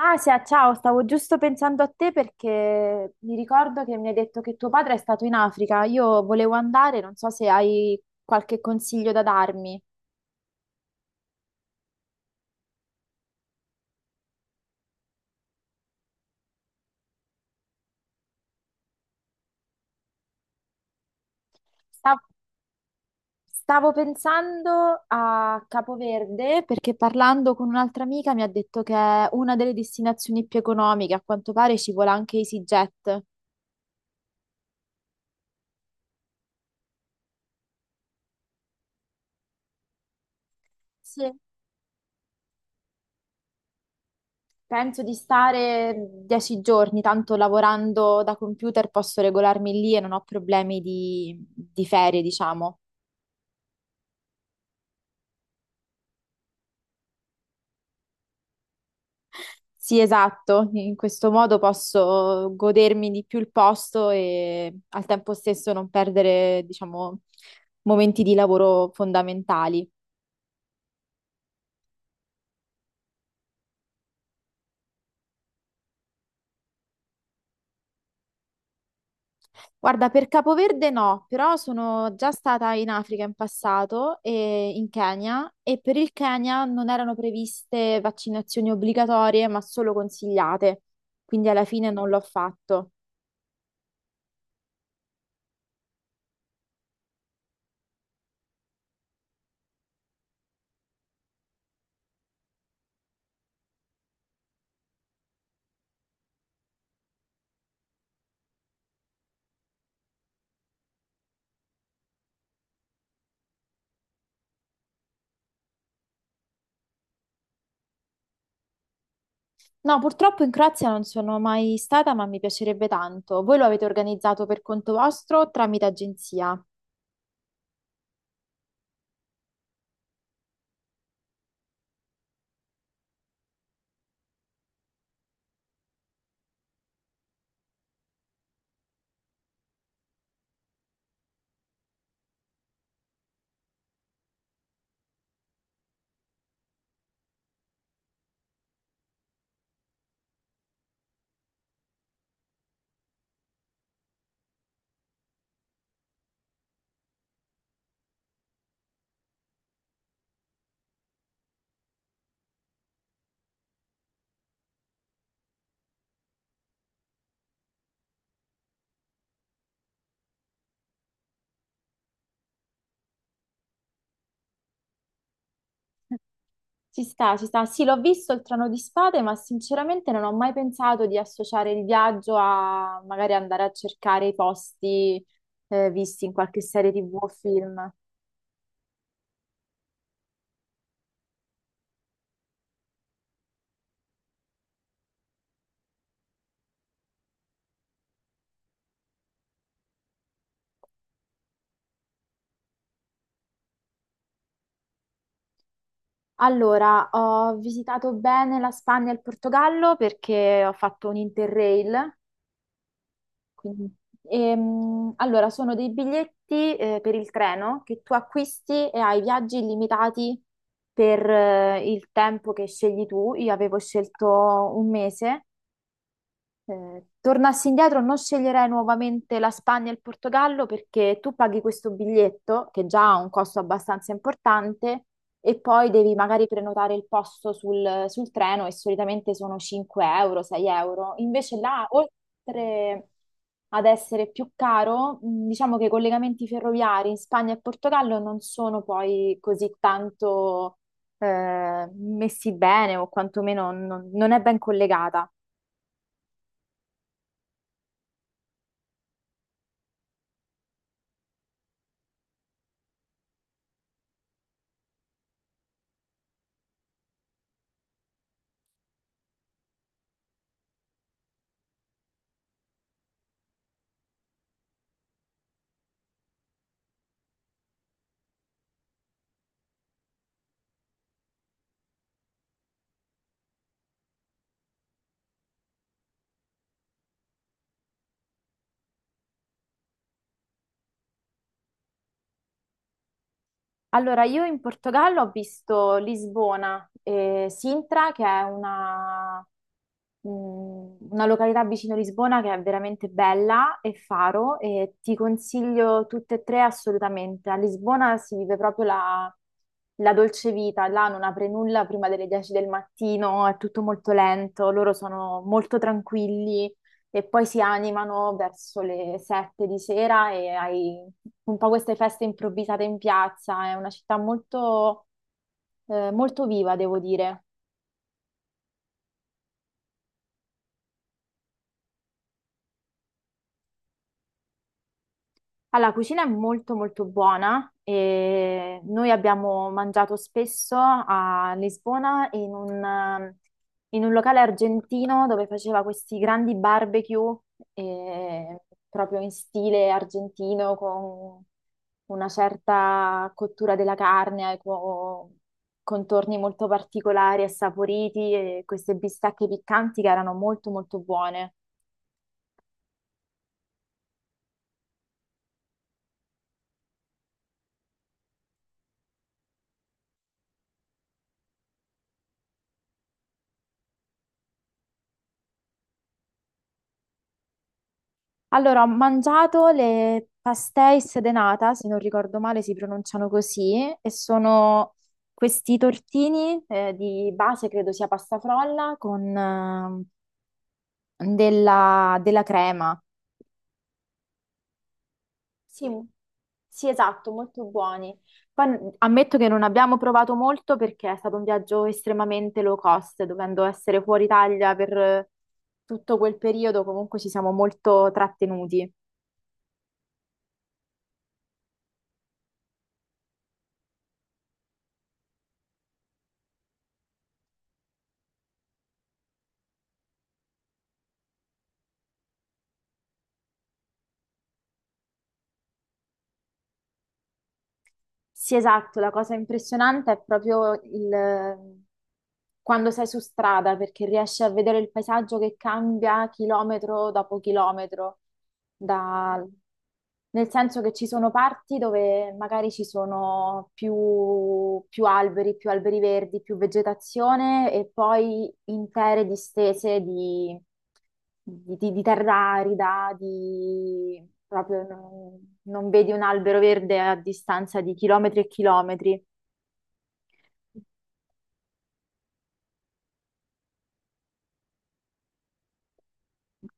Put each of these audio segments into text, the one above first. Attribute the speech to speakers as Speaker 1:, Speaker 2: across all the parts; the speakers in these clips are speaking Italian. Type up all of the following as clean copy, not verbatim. Speaker 1: Asia, ciao, stavo giusto pensando a te perché mi ricordo che mi hai detto che tuo padre è stato in Africa. Io volevo andare, non so se hai qualche consiglio da darmi. Sta- Stavo pensando a Capoverde perché parlando con un'altra amica mi ha detto che è una delle destinazioni più economiche, a quanto pare ci vuole anche EasyJet. Sì. Penso di stare 10 giorni, tanto lavorando da computer posso regolarmi lì e non ho problemi di ferie, diciamo. Sì, esatto, in questo modo posso godermi di più il posto e al tempo stesso non perdere, diciamo, momenti di lavoro fondamentali. Guarda, per Capoverde no, però sono già stata in Africa in passato e in Kenya e per il Kenya non erano previste vaccinazioni obbligatorie, ma solo consigliate, quindi alla fine non l'ho fatto. No, purtroppo in Croazia non sono mai stata, ma mi piacerebbe tanto. Voi lo avete organizzato per conto vostro o tramite agenzia? Ci sta, ci sta. Sì, l'ho visto il Trono di Spade, ma sinceramente non ho mai pensato di associare il viaggio a magari andare a cercare i posti visti in qualche serie TV o film. Allora, ho visitato bene la Spagna e il Portogallo perché ho fatto un Interrail. Quindi, allora, sono dei biglietti per il treno che tu acquisti e hai viaggi illimitati per il tempo che scegli tu. Io avevo scelto un mese, tornassi indietro, non sceglierei nuovamente la Spagna e il Portogallo perché tu paghi questo biglietto, che già ha un costo abbastanza importante, e poi devi magari prenotare il posto sul treno e solitamente sono 5 euro, 6 euro. Invece là, oltre ad essere più caro, diciamo che i collegamenti ferroviari in Spagna e Portogallo non sono poi così tanto messi bene o quantomeno non è ben collegata. Allora, io in Portogallo ho visto Lisbona e Sintra, che è mh, una località vicino Lisbona che è veramente bella, e Faro, e ti consiglio tutte e tre assolutamente. A Lisbona si vive proprio la, la dolce vita, là non apre nulla prima delle 10 del mattino, è tutto molto lento, loro sono molto tranquilli e poi si animano verso le 7 di sera e hai un po' queste feste improvvisate in piazza. È una città molto, molto viva, devo dire. Allora, la cucina è molto molto buona e noi abbiamo mangiato spesso a Lisbona in un locale argentino dove faceva questi grandi barbecue eh, proprio in stile argentino con una certa cottura della carne, con contorni molto particolari e saporiti e queste bistecche piccanti che erano molto molto buone. Allora, ho mangiato le pastéis de nata, se non ricordo male si pronunciano così, e sono questi tortini di base, credo sia pasta frolla, con della, della crema. Sì, sì, esatto, molto buoni. Poi ammetto che non abbiamo provato molto perché è stato un viaggio estremamente low cost, dovendo essere fuori Italia per tutto quel periodo, comunque ci siamo molto trattenuti. Sì, esatto, la cosa impressionante è proprio il, quando sei su strada, perché riesci a vedere il paesaggio che cambia chilometro dopo chilometro, da- nel senso che ci sono parti dove magari ci sono più, più alberi verdi, più vegetazione e poi intere distese di, di terra arida, di proprio non, non vedi un albero verde a distanza di chilometri e chilometri.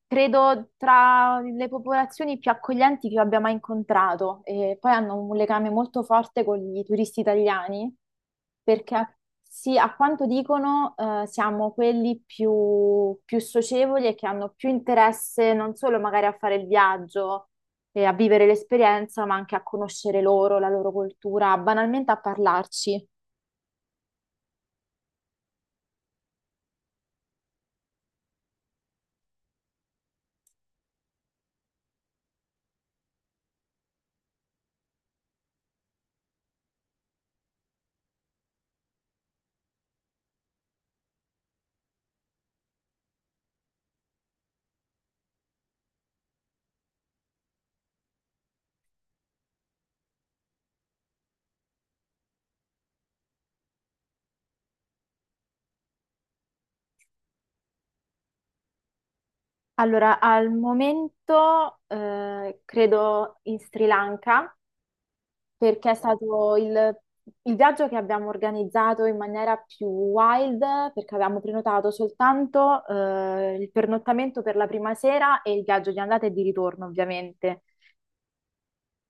Speaker 1: Credo tra le popolazioni più accoglienti che io abbia mai incontrato e poi hanno un legame molto forte con i turisti italiani perché sì, a quanto dicono siamo quelli più, più socievoli e che hanno più interesse non solo magari a fare il viaggio e a vivere l'esperienza, ma anche a conoscere loro, la loro cultura, banalmente a parlarci. Allora, al momento credo in Sri Lanka perché è stato il viaggio che abbiamo organizzato in maniera più wild, perché avevamo prenotato soltanto il pernottamento per la prima sera e il viaggio di andata e di ritorno, ovviamente.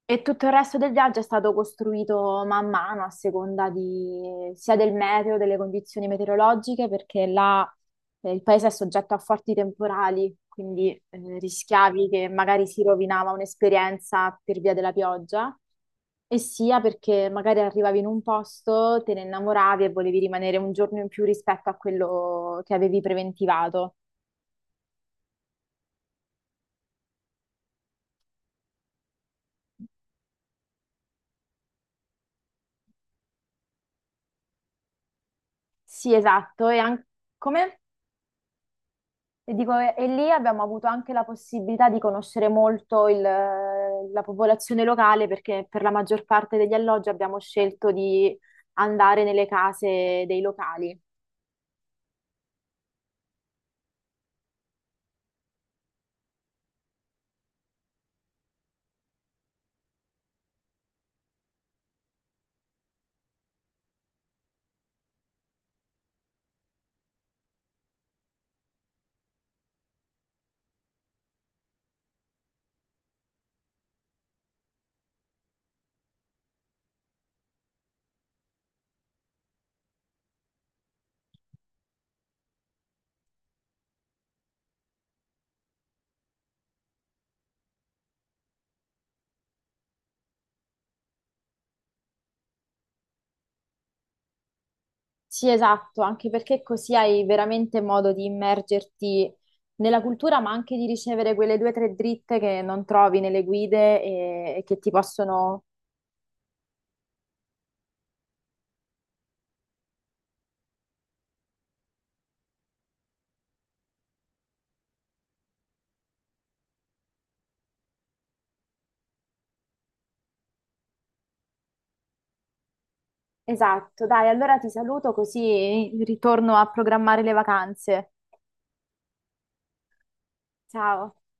Speaker 1: E tutto il resto del viaggio è stato costruito man mano a seconda di, sia del meteo, delle condizioni meteorologiche, perché là il paese è soggetto a forti temporali, quindi rischiavi che magari si rovinava un'esperienza per via della pioggia, e sia perché magari arrivavi in un posto, te ne innamoravi e volevi rimanere un giorno in più rispetto a quello che avevi preventivato. Sì, esatto. E anche come? E dico, e lì abbiamo avuto anche la possibilità di conoscere molto il, la popolazione locale perché per la maggior parte degli alloggi abbiamo scelto di andare nelle case dei locali. Sì, esatto, anche perché così hai veramente modo di immergerti nella cultura, ma anche di ricevere quelle due o tre dritte che non trovi nelle guide e che ti possono... Esatto, dai, allora ti saluto così ritorno a programmare le vacanze. Ciao.